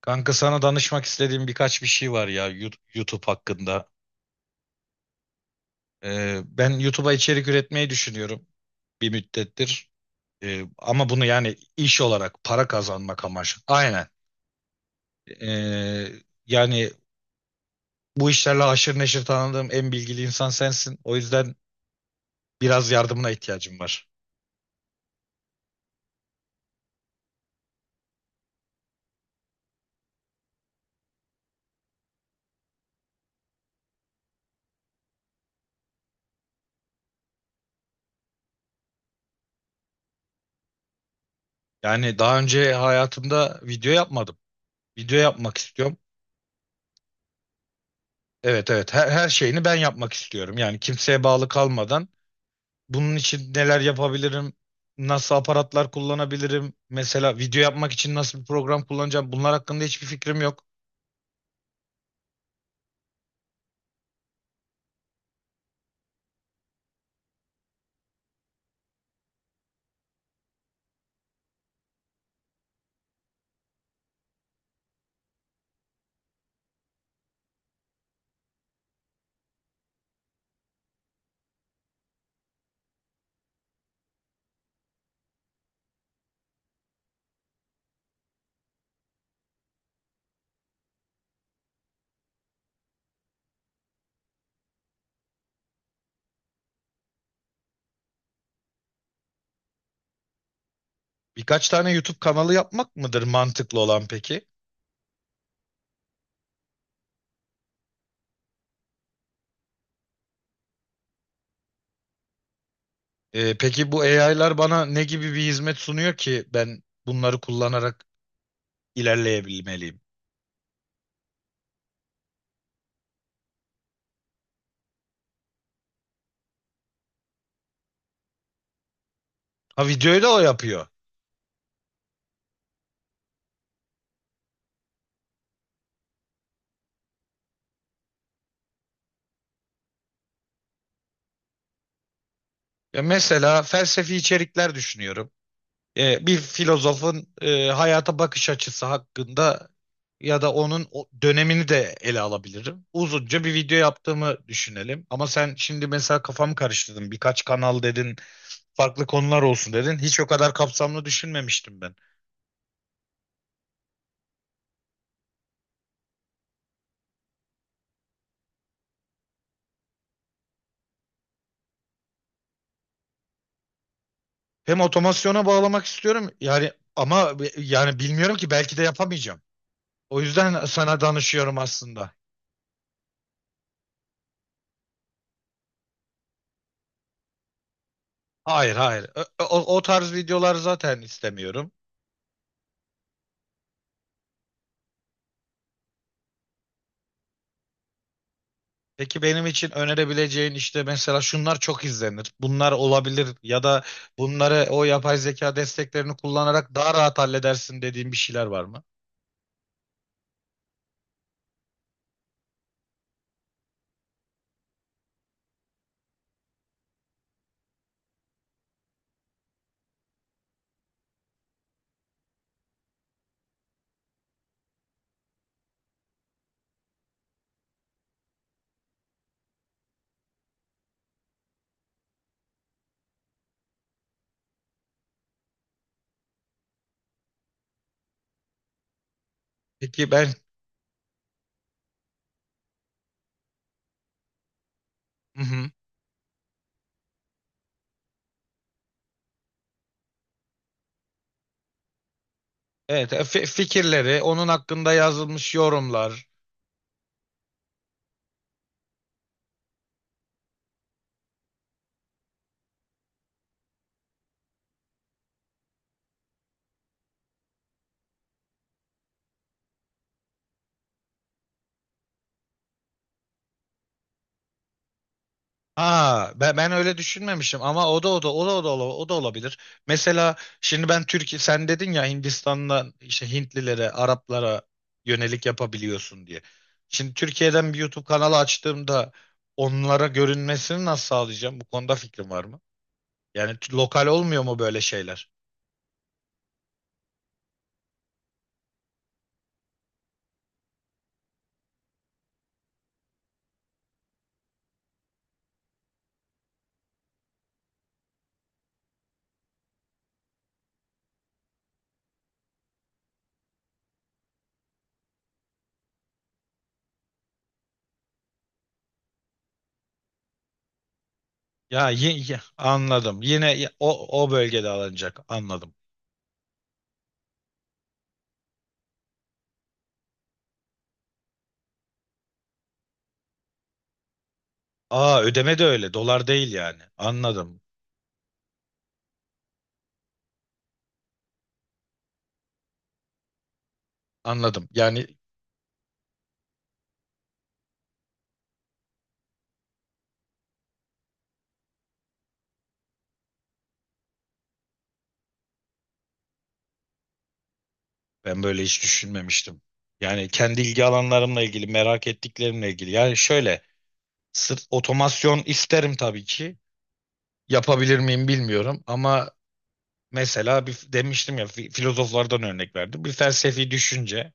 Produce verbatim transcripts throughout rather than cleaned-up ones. Kanka, sana danışmak istediğim birkaç bir şey var ya, Yu- YouTube hakkında. Ee, ben YouTube'a içerik üretmeyi düşünüyorum bir müddettir. Ee, ama bunu yani iş olarak para kazanmak amaçlı. Aynen. Ee, yani bu işlerle haşır neşir tanıdığım en bilgili insan sensin. O yüzden biraz yardımına ihtiyacım var. Yani daha önce hayatımda video yapmadım. Video yapmak istiyorum. Evet, evet, her, her şeyini ben yapmak istiyorum. Yani kimseye bağlı kalmadan. Bunun için neler yapabilirim? Nasıl aparatlar kullanabilirim? Mesela video yapmak için nasıl bir program kullanacağım? Bunlar hakkında hiçbir fikrim yok. Birkaç tane YouTube kanalı yapmak mıdır mantıklı olan peki? Ee, peki bu A I'lar bana ne gibi bir hizmet sunuyor ki ben bunları kullanarak ilerleyebilmeliyim? Ha, videoyu da o yapıyor. Ya, mesela felsefi içerikler düşünüyorum. E, bir filozofun e, hayata bakış açısı hakkında, ya da onun o dönemini de ele alabilirim. Uzunca bir video yaptığımı düşünelim. Ama sen şimdi mesela kafamı karıştırdın. Birkaç kanal dedin, farklı konular olsun dedin. Hiç o kadar kapsamlı düşünmemiştim ben. Hem otomasyona bağlamak istiyorum yani, ama bi- yani bilmiyorum ki, belki de yapamayacağım. O yüzden sana danışıyorum aslında. Hayır, hayır. Ö- O, o tarz videolar zaten istemiyorum. Peki, benim için önerebileceğin, işte mesela şunlar çok izlenir, bunlar olabilir, ya da bunları o yapay zeka desteklerini kullanarak daha rahat halledersin dediğin bir şeyler var mı? Peki ben. Hı hı. Evet, e, fi- fikirleri, onun hakkında yazılmış yorumlar. Ha, ben, ben öyle düşünmemişim ama o da o da o da o da ola- o da olabilir. Mesela şimdi ben Türkiye, sen dedin ya Hindistan'dan işte Hintlilere, Araplara yönelik yapabiliyorsun diye. Şimdi Türkiye'den bir YouTube kanalı açtığımda onlara görünmesini nasıl sağlayacağım? Bu konuda fikrim var mı? Yani t- lokal olmuyor mu böyle şeyler? Ya, y- y- anladım. Yine y- o o bölgede alınacak. Anladım. Aa, ödeme de öyle. Dolar değil yani. Anladım. Anladım. Yani. Ben böyle hiç düşünmemiştim. Yani kendi ilgi alanlarımla ilgili, merak ettiklerimle ilgili. Yani şöyle, sırf otomasyon isterim tabii ki. Yapabilir miyim bilmiyorum ama mesela bir, demiştim ya, fi- filozoflardan örnek verdim. Bir felsefi düşünce,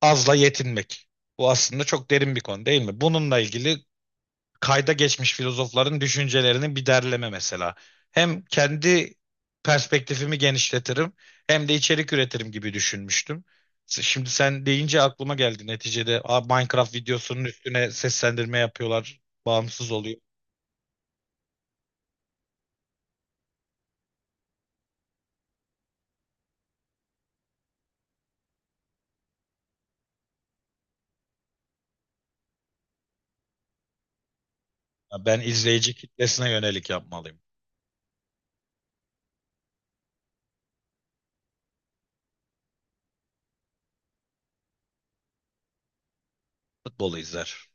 azla yetinmek. Bu aslında çok derin bir konu değil mi? Bununla ilgili kayda geçmiş filozofların düşüncelerinin bir derleme mesela. Hem kendi perspektifimi genişletirim, hem de içerik üretirim gibi düşünmüştüm. Şimdi sen deyince aklıma geldi neticede, "Aa, Minecraft videosunun üstüne seslendirme yapıyorlar, bağımsız oluyor." Ya, ben izleyici kitlesine yönelik yapmalıyım. Futbolu izler.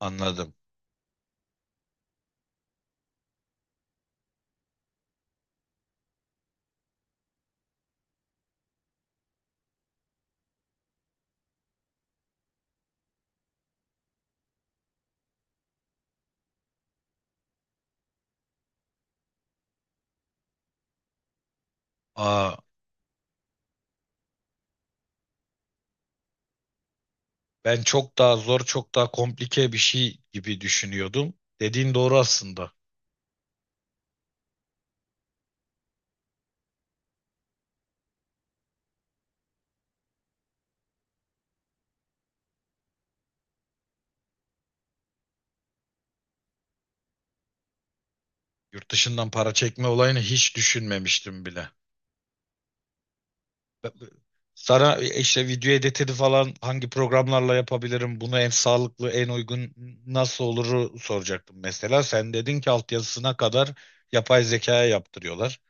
Anladım. Aa, ben çok daha zor, çok daha komplike bir şey gibi düşünüyordum. Dediğin doğru aslında. Yurt dışından para çekme olayını hiç düşünmemiştim bile. Sana işte video editini falan hangi programlarla yapabilirim, bunu en sağlıklı, en uygun nasıl oluru soracaktım mesela. Sen dedin ki altyazısına kadar yapay zekaya yaptırıyorlar.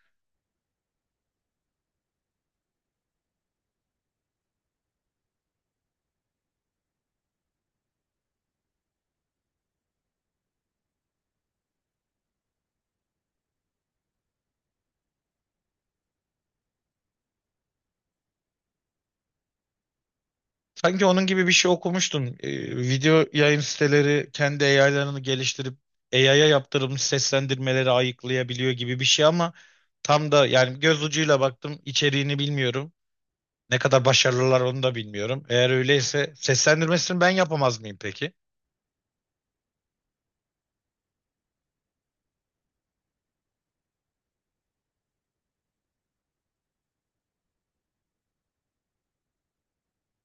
Sanki onun gibi bir şey okumuştun. Ee, video yayın siteleri kendi A I'larını geliştirip A I'ya yaptırılmış seslendirmeleri ayıklayabiliyor gibi bir şey, ama tam da yani göz ucuyla baktım, içeriğini bilmiyorum. Ne kadar başarılılar onu da bilmiyorum. Eğer öyleyse seslendirmesini ben yapamaz mıyım peki?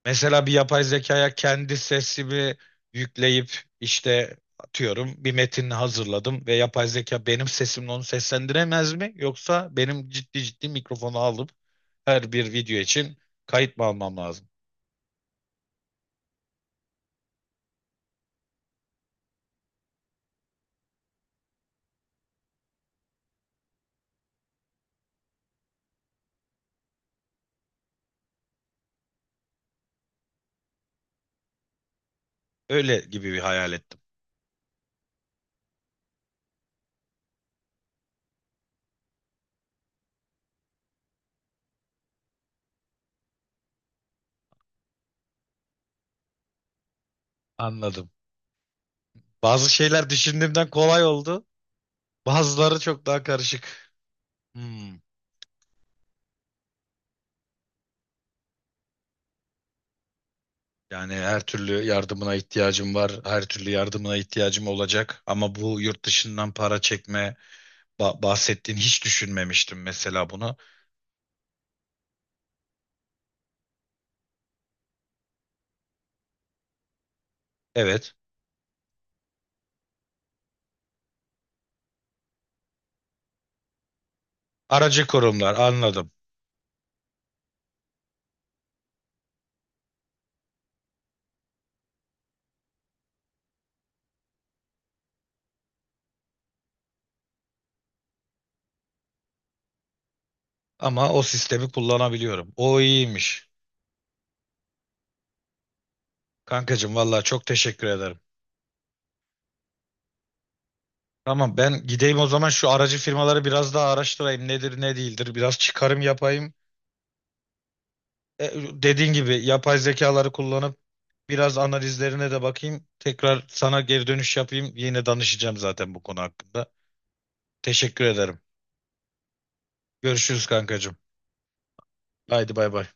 Mesela bir yapay zekaya kendi sesimi yükleyip, işte atıyorum bir metin hazırladım ve yapay zeka benim sesimle onu seslendiremez mi? Yoksa benim ciddi ciddi mikrofonu alıp her bir video için kayıt mı almam lazım? Öyle gibi bir hayal ettim. Anladım. Bazı şeyler düşündüğümden kolay oldu. Bazıları çok daha karışık. Hmm. Yani her türlü yardımına ihtiyacım var. Her türlü yardımına ihtiyacım olacak. Ama bu yurt dışından para çekme, ba- bahsettiğin, hiç düşünmemiştim mesela bunu. Evet. Aracı kurumlar, anladım. Ama o sistemi kullanabiliyorum. O iyiymiş. Kankacığım, vallahi çok teşekkür ederim. Tamam, ben gideyim o zaman şu aracı firmaları biraz daha araştırayım. Nedir, ne değildir. Biraz çıkarım yapayım. E, Dediğin gibi yapay zekaları kullanıp biraz analizlerine de bakayım. Tekrar sana geri dönüş yapayım. Yine danışacağım zaten bu konu hakkında. Teşekkür ederim. Görüşürüz kankacığım. Haydi bay bay.